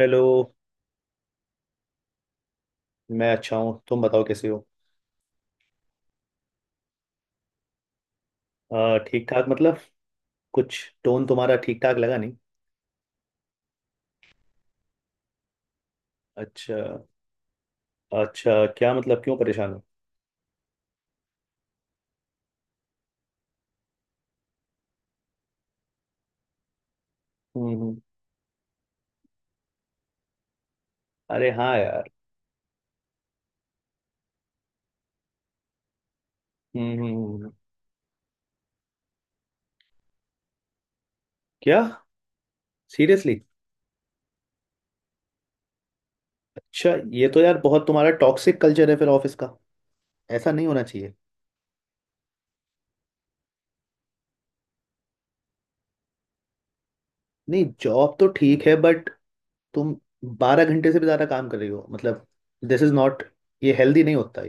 Hello. मैं अच्छा हूँ, तुम बताओ कैसे हो? ठीक ठाक मतलब कुछ, टोन तुम्हारा ठीक ठाक लगा नहीं। अच्छा। अच्छा, क्या मतलब, क्यों परेशान हो? हम्म। अरे हाँ यार। हम्म। हम्म। हम्म। क्या? सीरियसली? अच्छा, ये तो यार बहुत तुम्हारा टॉक्सिक कल्चर है फिर ऑफिस का। ऐसा नहीं होना चाहिए। नहीं, जॉब तो ठीक है बट तुम बारह घंटे से भी ज़्यादा काम कर रही हो मतलब, दिस इज नॉट, ये हेल्दी नहीं होता है।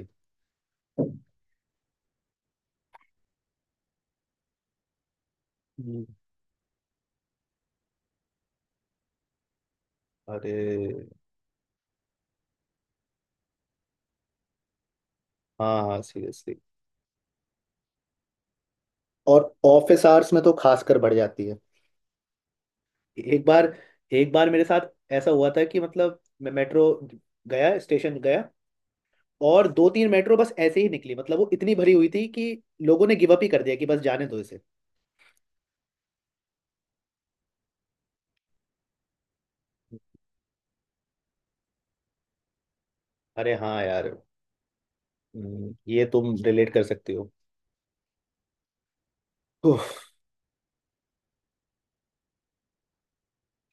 हम्म। अरे हाँ हाँ, सीरियसली। और ऑफिस आवर्स में तो खासकर बढ़ जाती है। एक बार एक बार मेरे साथ ऐसा हुआ था कि मतलब मैं मेट्रो गया, स्टेशन गया, और दो तीन मेट्रो बस ऐसे ही निकली मतलब वो इतनी भरी हुई थी कि लोगों ने गिव अप ही कर दिया कि बस जाने दो इसे। अरे हाँ यार। ये तुम रिलेट कर सकती हो। उफ।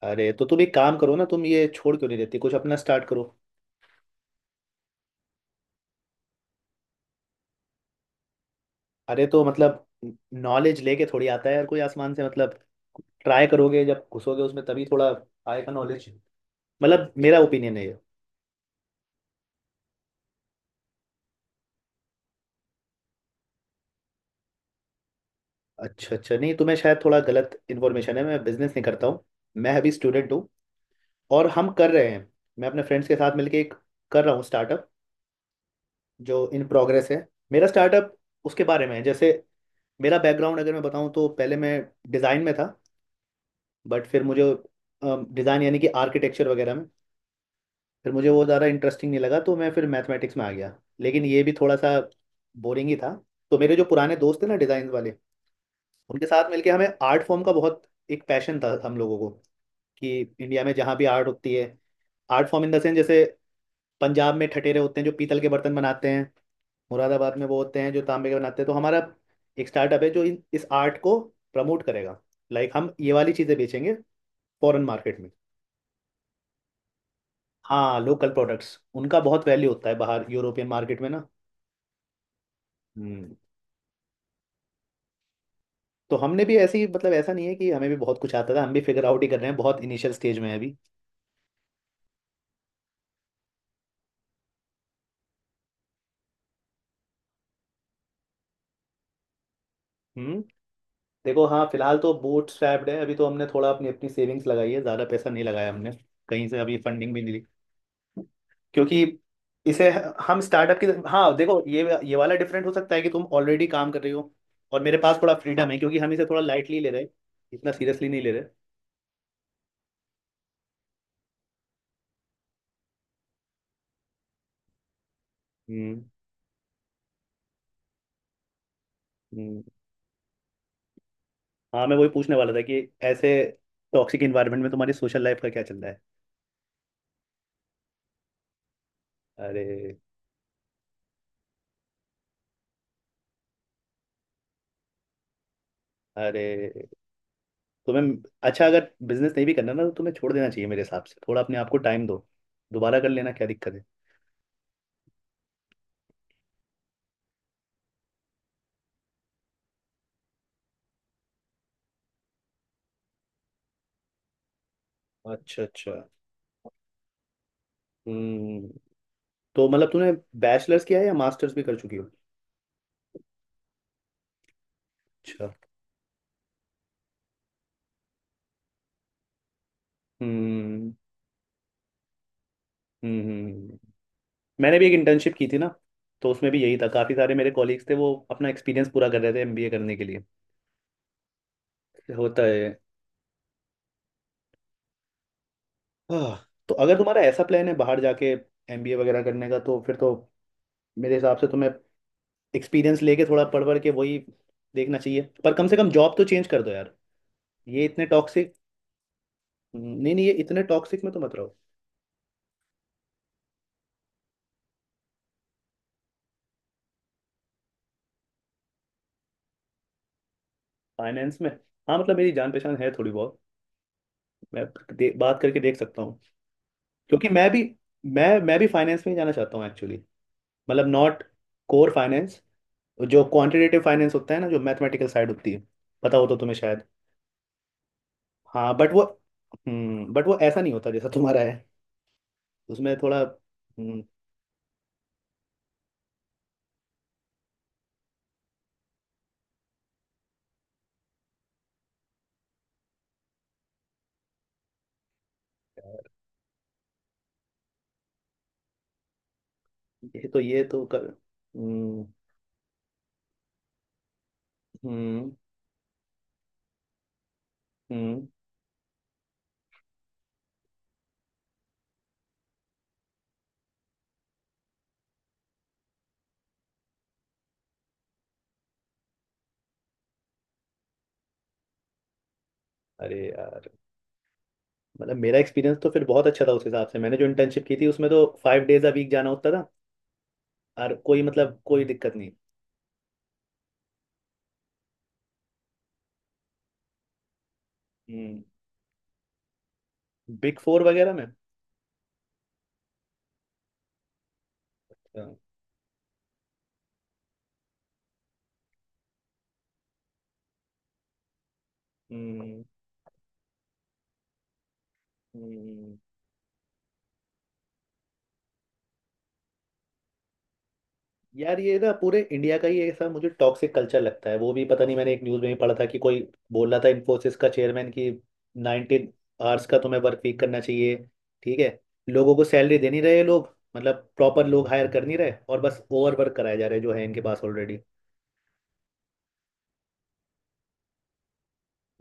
अरे, तो तुम एक काम करो ना, तुम ये छोड़ क्यों नहीं देती, कुछ अपना स्टार्ट करो। अरे, तो मतलब, नॉलेज लेके थोड़ी आता है यार कोई आसमान से, मतलब ट्राई करोगे जब घुसोगे उसमें तभी थोड़ा आएगा नॉलेज। मतलब मेरा ओपिनियन है ये। अच्छा अच्छा, नहीं तुम्हें शायद थोड़ा गलत इन्फॉर्मेशन है, मैं बिजनेस नहीं करता हूँ। मैं अभी स्टूडेंट हूँ और हम कर रहे हैं, मैं अपने फ्रेंड्स के साथ मिलके एक कर रहा हूँ स्टार्टअप, जो इन प्रोग्रेस है। मेरा स्टार्टअप उसके बारे में है, जैसे मेरा बैकग्राउंड अगर मैं बताऊँ तो पहले मैं डिज़ाइन में था, बट फिर मुझे डिज़ाइन यानी कि आर्किटेक्चर वगैरह में, फिर मुझे वो ज़्यादा इंटरेस्टिंग नहीं लगा तो मैं फिर मैथमेटिक्स में आ गया। लेकिन ये भी थोड़ा सा बोरिंग ही था, तो मेरे जो पुराने दोस्त थे ना डिज़ाइन वाले, उनके साथ मिलके, हमें आर्ट फॉर्म का बहुत एक पैशन था हम लोगों को, कि इंडिया में जहाँ भी आर्ट होती है, art form in the sense जैसे पंजाब में ठठेरे होते हैं जो पीतल के बर्तन बनाते हैं, मुरादाबाद में वो होते हैं जो तांबे के बनाते हैं, तो हमारा एक स्टार्टअप है जो इन इस आर्ट को प्रमोट करेगा। लाइक हम ये वाली चीज़ें बेचेंगे फॉरेन मार्केट में। हाँ, लोकल प्रोडक्ट्स उनका बहुत वैल्यू होता है बाहर यूरोपियन मार्केट में ना। हम्म। तो हमने भी ऐसी मतलब, ऐसा नहीं है कि हमें भी बहुत कुछ आता था, हम भी फिगर आउट ही कर रहे हैं, बहुत इनिशियल स्टेज में है अभी। हम्म। देखो हाँ, फिलहाल तो बूट स्ट्रैप्ड है, अभी तो हमने थोड़ा अपनी अपनी सेविंग्स लगाई है, ज़्यादा पैसा नहीं लगाया हमने। कहीं से अभी फंडिंग भी नहीं ली, क्योंकि इसे हम स्टार्टअप की, हाँ देखो, ये वाला डिफरेंट हो सकता है कि तुम ऑलरेडी काम कर रही हो, और मेरे पास थोड़ा फ्रीडम है क्योंकि हम इसे थोड़ा लाइटली ले रहे हैं, इतना सीरियसली नहीं ले रहे। हम्म हम्म। हाँ, मैं वही पूछने वाला था कि ऐसे टॉक्सिक इन्वायरमेंट में तुम्हारी सोशल लाइफ का क्या चल रहा है? अरे अरे, तुम्हें अच्छा, अगर बिजनेस नहीं भी करना ना तो तुम्हें छोड़ देना चाहिए मेरे हिसाब से, थोड़ा अपने आप को टाइम दो, दोबारा कर लेना क्या दिक्कत है? अच्छा अच्छा। हम्म, तो मतलब तूने बैचलर्स किया है या मास्टर्स भी कर चुकी हो? अच्छा। हम्म। हम्म हम्म। मैंने भी एक इंटर्नशिप की थी ना, तो उसमें भी यही था, काफ़ी सारे मेरे कॉलीग्स थे वो अपना एक्सपीरियंस पूरा कर रहे थे एमबीए करने के लिए। होता है। हाँ तो अगर तुम्हारा ऐसा प्लान है बाहर जाके एमबीए वगैरह करने का तो फिर तो मेरे हिसाब से तुम्हें एक्सपीरियंस लेके थोड़ा पढ़ पढ़ के वही देखना चाहिए, पर कम से कम जॉब तो चेंज कर दो यार। ये इतने टॉक्सिक नहीं नहीं, ये इतने टॉक्सिक में तो मत रहो। फाइनेंस में, हाँ मतलब मेरी जान पहचान है थोड़ी बहुत, मैं बात करके देख सकता हूँ, क्योंकि मैं भी फाइनेंस में ही जाना चाहता हूँ एक्चुअली। मतलब नॉट कोर फाइनेंस, जो क्वांटिटेटिव फाइनेंस होता है ना, जो मैथमेटिकल साइड होती है पता हो तो तुम्हें शायद। हाँ बट वो, बट वो ऐसा नहीं होता जैसा तुम्हारा है, उसमें थोड़ा यार, ये तो ये तो कर, हम्म हम्म हम्म। अरे यार, मतलब मेरा एक्सपीरियंस तो फिर बहुत अच्छा था उस हिसाब से, मैंने जो इंटर्नशिप की थी उसमें तो फाइव डेज अ वीक जाना होता था और कोई मतलब कोई दिक्कत नहीं। हम्म। बिग फोर वगैरह में? अच्छा। हम्म हम्म। यार, ये ना पूरे इंडिया का ही ऐसा मुझे टॉक्सिक कल्चर लगता है, वो भी पता नहीं मैंने एक न्यूज़ में ही पढ़ा था कि कोई बोल रहा था इन्फोसिस का चेयरमैन कि 19 आवर्स का तुम्हें वर्क वीक करना चाहिए। ठीक है। लोगों को सैलरी दे नहीं रहे ये लोग, मतलब प्रॉपर लोग हायर कर नहीं रहे, और बस ओवर वर्क कराए जा रहे हैं जो है इनके पास।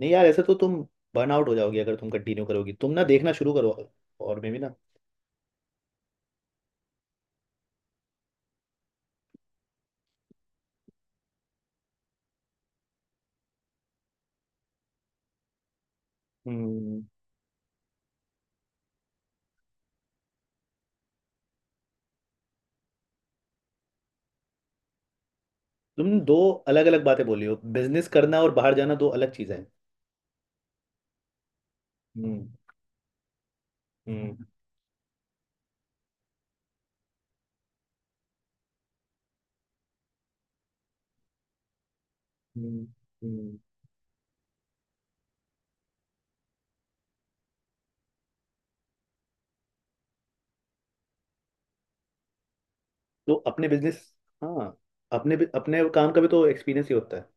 नहीं यार, ऐसे तो तुम बर्न आउट हो जाओगी अगर तुम कंटिन्यू करोगी, तुम ना देखना शुरू करो, और में भी ना। हम्म। तुम दो अलग अलग बातें बोली हो, बिजनेस करना और बाहर जाना दो अलग चीजें हैं। हम्म हम्म। हम्म। हम्म। तो अपने बिजनेस हाँ, अपने अपने काम का भी तो एक्सपीरियंस ही होता है।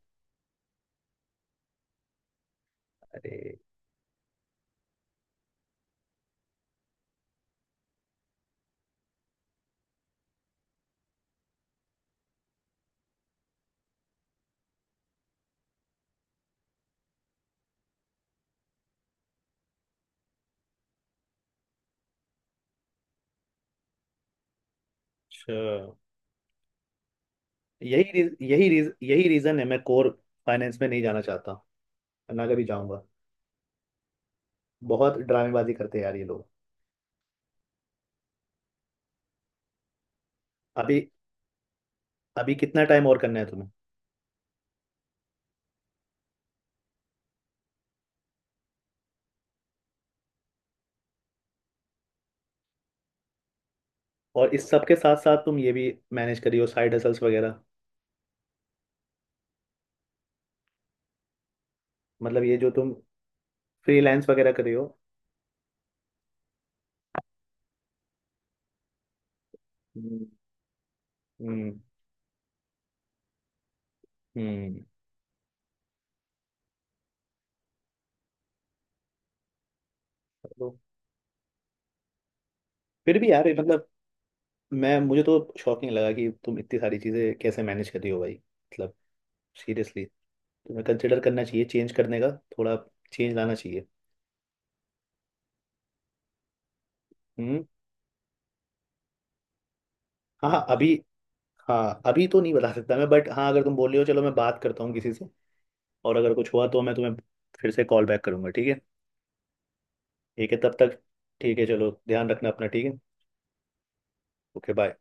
अरे अच्छा, यही रीजन है, मैं कोर फाइनेंस में नहीं जाना चाहता, ना कभी जाऊंगा। बहुत ड्रामेबाजी करते हैं यार ये लोग। अभी अभी कितना टाइम और करना है तुम्हें? और इस सब के साथ साथ तुम ये भी मैनेज करी हो, साइड हसल्स वगैरह, मतलब ये जो तुम फ्रीलांस वगैरह करे हो? हम्म हम्म। हम्म। तो फिर भी यार, ये मतलब मैं मुझे तो शॉकिंग लगा कि तुम इतनी सारी चीज़ें कैसे मैनेज कर रही हो भाई, मतलब सीरियसली, तुम्हें कंसिडर करना चाहिए चेंज करने का, थोड़ा चेंज लाना चाहिए। हम्म। हाँ हाँ, अभी, हाँ अभी तो नहीं बता सकता मैं, बट हाँ अगर तुम बोल रहे हो चलो मैं बात करता हूँ किसी से, और अगर कुछ हुआ तो मैं तुम्हें फिर से कॉल बैक करूंगा, ठीक है? ठीक है, तब तक ठीक है, चलो ध्यान रखना अपना, ठीक है। Okay bye.